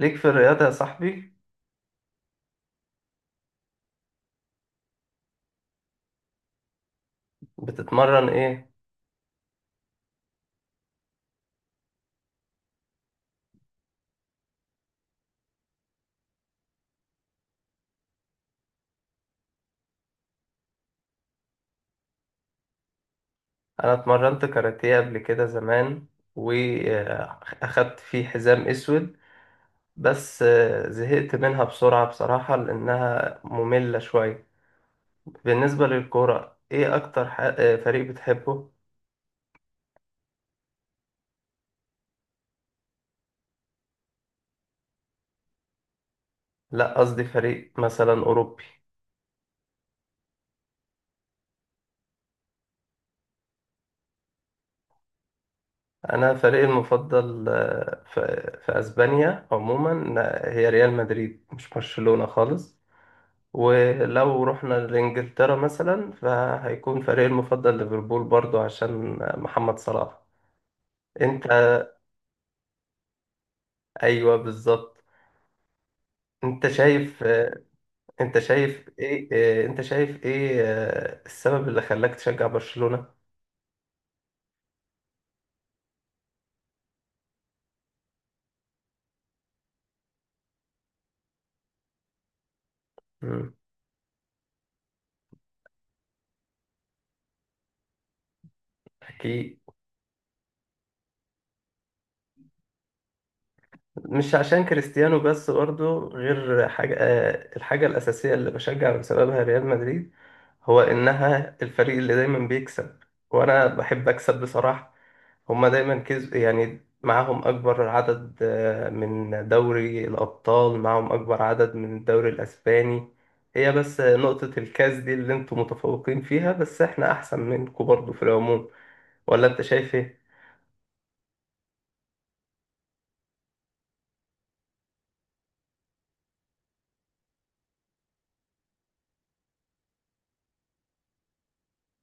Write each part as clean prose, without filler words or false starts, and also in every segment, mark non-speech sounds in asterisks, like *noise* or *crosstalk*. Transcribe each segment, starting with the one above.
ليك في الرياضة يا صاحبي. بتتمرن ايه؟ انا اتمرنت كاراتيه قبل كده زمان، واخدت فيه حزام اسود. بس زهقت منها بسرعة بصراحة لانها مملة شوية. بالنسبة للكورة، ايه اكتر فريق بتحبه؟ لا، قصدي فريق مثلا اوروبي. انا فريقي المفضل في اسبانيا عموما هي ريال مدريد، مش برشلونة خالص. ولو رحنا لإنجلترا مثلا، فهيكون فريقي المفضل ليفربول برضو عشان محمد صلاح. انت ايوه بالظبط. انت شايف انت شايف ايه انت شايف ايه السبب اللي خلاك تشجع برشلونة؟ مم. اكيد مش عشان كريستيانو بس، برضه غير حاجة. الحاجة الأساسية اللي بشجع بسببها ريال مدريد، هو إنها الفريق اللي دايما بيكسب، وأنا بحب أكسب بصراحة. هما دايما كسب، يعني معاهم أكبر عدد من دوري الأبطال، معاهم أكبر عدد من الدوري الأسباني. هي بس نقطة الكاس دي اللي انتوا متفوقين فيها، بس احنا أحسن منكم برضه في العموم. ولا انت شايف إيه؟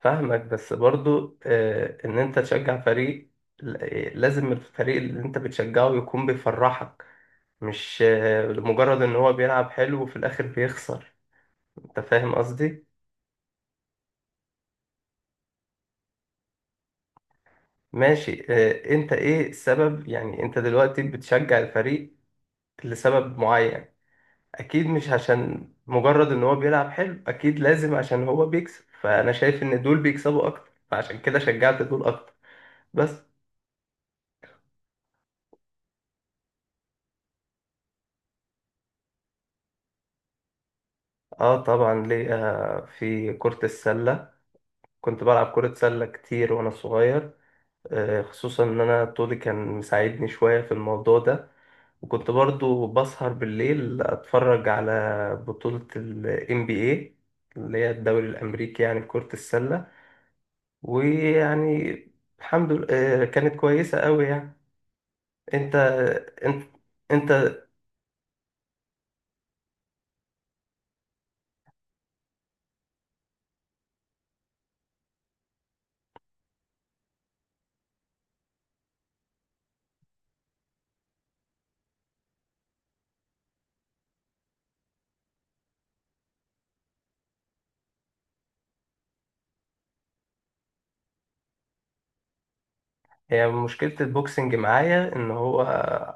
فاهمك، بس برضو ان انت تشجع فريق، لازم الفريق اللي انت بتشجعه يكون بيفرحك. مش لمجرد ان هو بيلعب حلو وفي الاخر بيخسر. انت فاهم قصدي. ماشي انت ايه السبب؟ يعني انت دلوقتي بتشجع الفريق لسبب معين. اكيد مش عشان مجرد ان هو بيلعب حلو، اكيد لازم عشان هو بيكسب، فانا شايف ان دول بيكسبوا اكتر، فعشان كده شجعت دول اكتر. بس اه طبعا ليه في كرة السلة. كنت بلعب كرة سلة كتير وأنا صغير. خصوصا إن أنا طولي كان مساعدني شوية في الموضوع ده. وكنت برضو بسهر بالليل أتفرج على بطولة ال NBA، اللي هي الدوري الأمريكي، يعني في كرة السلة. ويعني الحمد لله كانت كويسة أوي يعني. أنت أنت أنت هي مشكلة البوكسنج معايا إن هو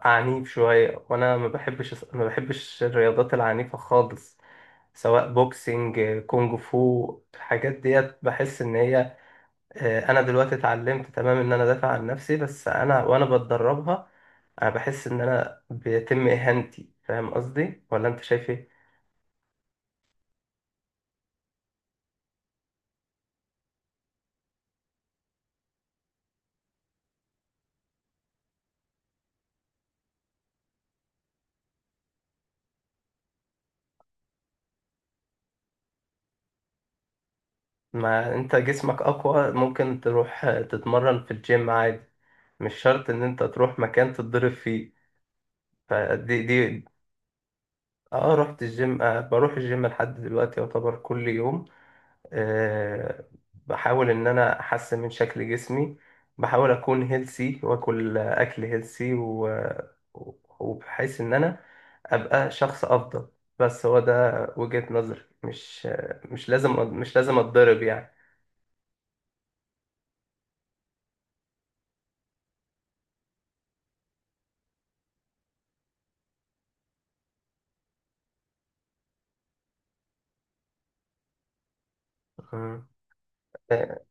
عنيف شوية، وأنا ما بحبش الرياضات العنيفة خالص، سواء بوكسينج، كونج فو. الحاجات ديت بحس ان هي انا دلوقتي اتعلمت تمام ان انا ادافع عن نفسي، بس انا وانا بتدربها انا بحس ان انا بيتم اهانتي. فاهم قصدي ولا انت شايف ايه؟ ما انت جسمك اقوى، ممكن تروح تتمرن في الجيم عادي. مش شرط ان انت تروح مكان تتضرب فيه. فدي اه رحت الجيم، بروح الجيم لحد دلوقتي يعتبر كل يوم. آه، بحاول ان انا احسن من شكل جسمي. بحاول اكون هيلسي واكل اكل هيلسي وبحيث ان انا ابقى شخص افضل. بس هو ده وجهة نظري. مش لازم مش لازم اتضرب يعني. مم. آه،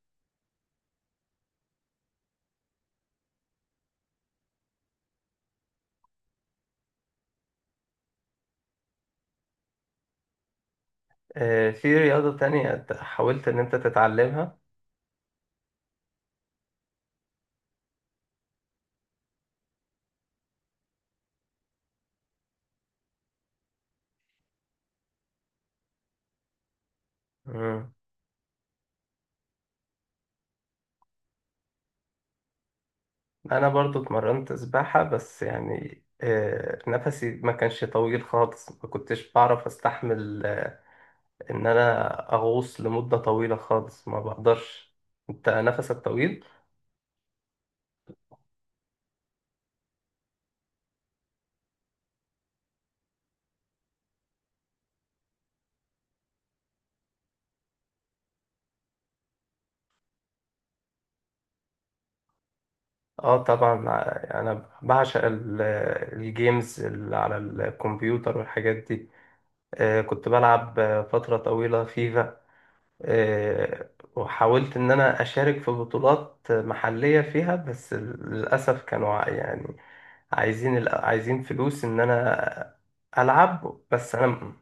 في رياضة تانية حاولت ان انت تتعلمها؟ مم. انا برضو اتمرنت سباحة، بس يعني نفسي ما كانش طويل خالص، ما كنتش بعرف استحمل ان انا اغوص لمدة طويلة خالص، ما بقدرش. انت نفسك طويل. اه طبعا انا بعشق الجيمز اللي على الكمبيوتر والحاجات دي. كنت بلعب فترة طويلة فيفا. آه، وحاولت ان انا اشارك في بطولات محلية فيها، بس للاسف كانوا يعني عايزين عايزين فلوس ان انا العب. بس انا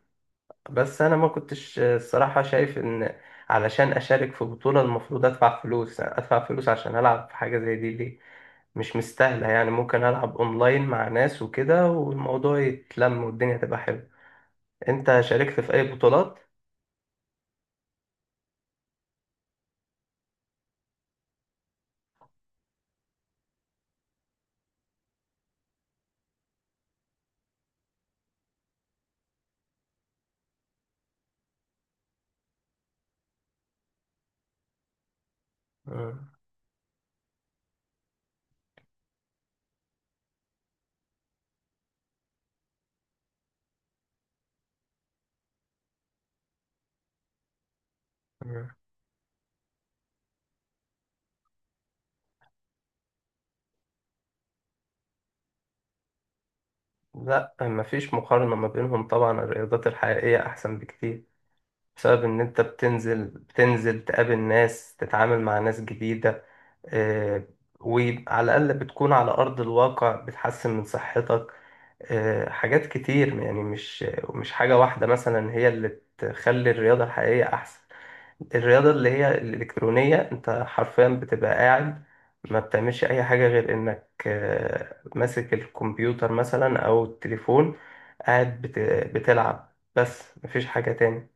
بس انا ما كنتش الصراحه شايف ان علشان اشارك في بطوله المفروض ادفع فلوس، ادفع فلوس عشان العب في حاجه زي دي ليه؟ مش مستاهله يعني. ممكن العب اونلاين مع ناس وكده، والموضوع يتلم والدنيا تبقى حلوه. انت شاركت في اي بطولات؟ مم. مم. لا، مفيش مقارنه ما بينهم. طبعا الرياضات الحقيقيه احسن بكتير، بسبب ان انت بتنزل تقابل ناس، تتعامل مع ناس جديده. آه، وعلى الأقل بتكون على أرض الواقع، بتحسن من صحتك. حاجات كتير يعني. مش حاجة واحدة مثلا هي اللي تخلي الرياضة الحقيقية أحسن. الرياضة اللي هي الإلكترونية، أنت حرفيا بتبقى قاعد، ما بتعملش أي حاجة غير إنك ماسك الكمبيوتر مثلا أو التليفون، قاعد بت- بتلعب بس، مفيش حاجة تاني.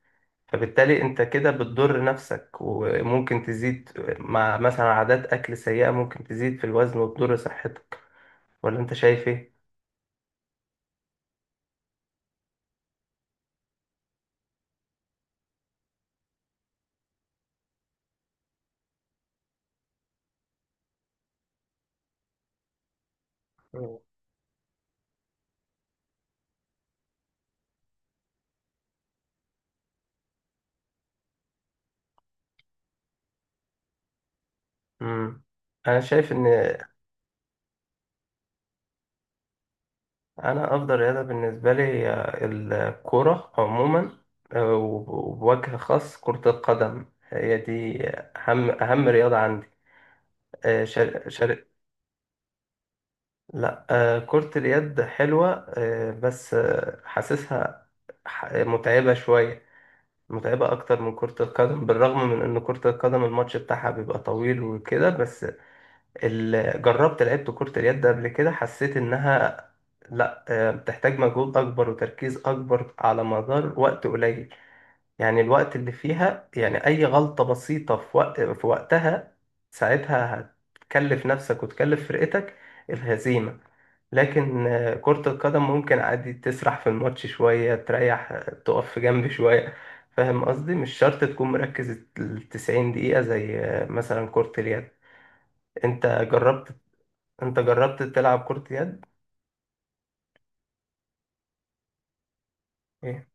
فبالتالي انت كده بتضر نفسك، وممكن تزيد مع مثلا عادات اكل سيئة، ممكن تزيد في الوزن وتضر صحتك. ولا انت شايف ايه؟ مم. مم. انا شايف ان انا افضل رياضة بالنسبة لي هي الكرة عموما. وبوجه خاص كرة القدم، هي دي اهم رياضة عندي. آه، شر... شر... لا كرة اليد حلوة بس حاسسها متعبة شوية، متعبة أكتر من كرة القدم، بالرغم من إن كرة القدم الماتش بتاعها بيبقى طويل وكده. بس جربت لعبت كرة اليد ده قبل كده، حسيت إنها، لأ بتحتاج مجهود أكبر وتركيز أكبر على مدار وقت قليل. يعني الوقت اللي فيها، يعني أي غلطة بسيطة في وقت، في وقتها، ساعتها هتكلف نفسك وتكلف فرقتك الهزيمة. لكن كرة القدم ممكن عادي تسرح في الماتش شوية، تريح، تقف في جنب *laughs* شوية. فاهم قصدي، مش شرط تكون مركز الـ90 دقيقة زي مثلا كرة اليد. انت جربت انت جربت تلعب كرة يد؟ ايه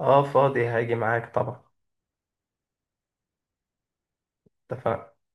اه فاضي، هاجي معاك طبعا. اتفقنا.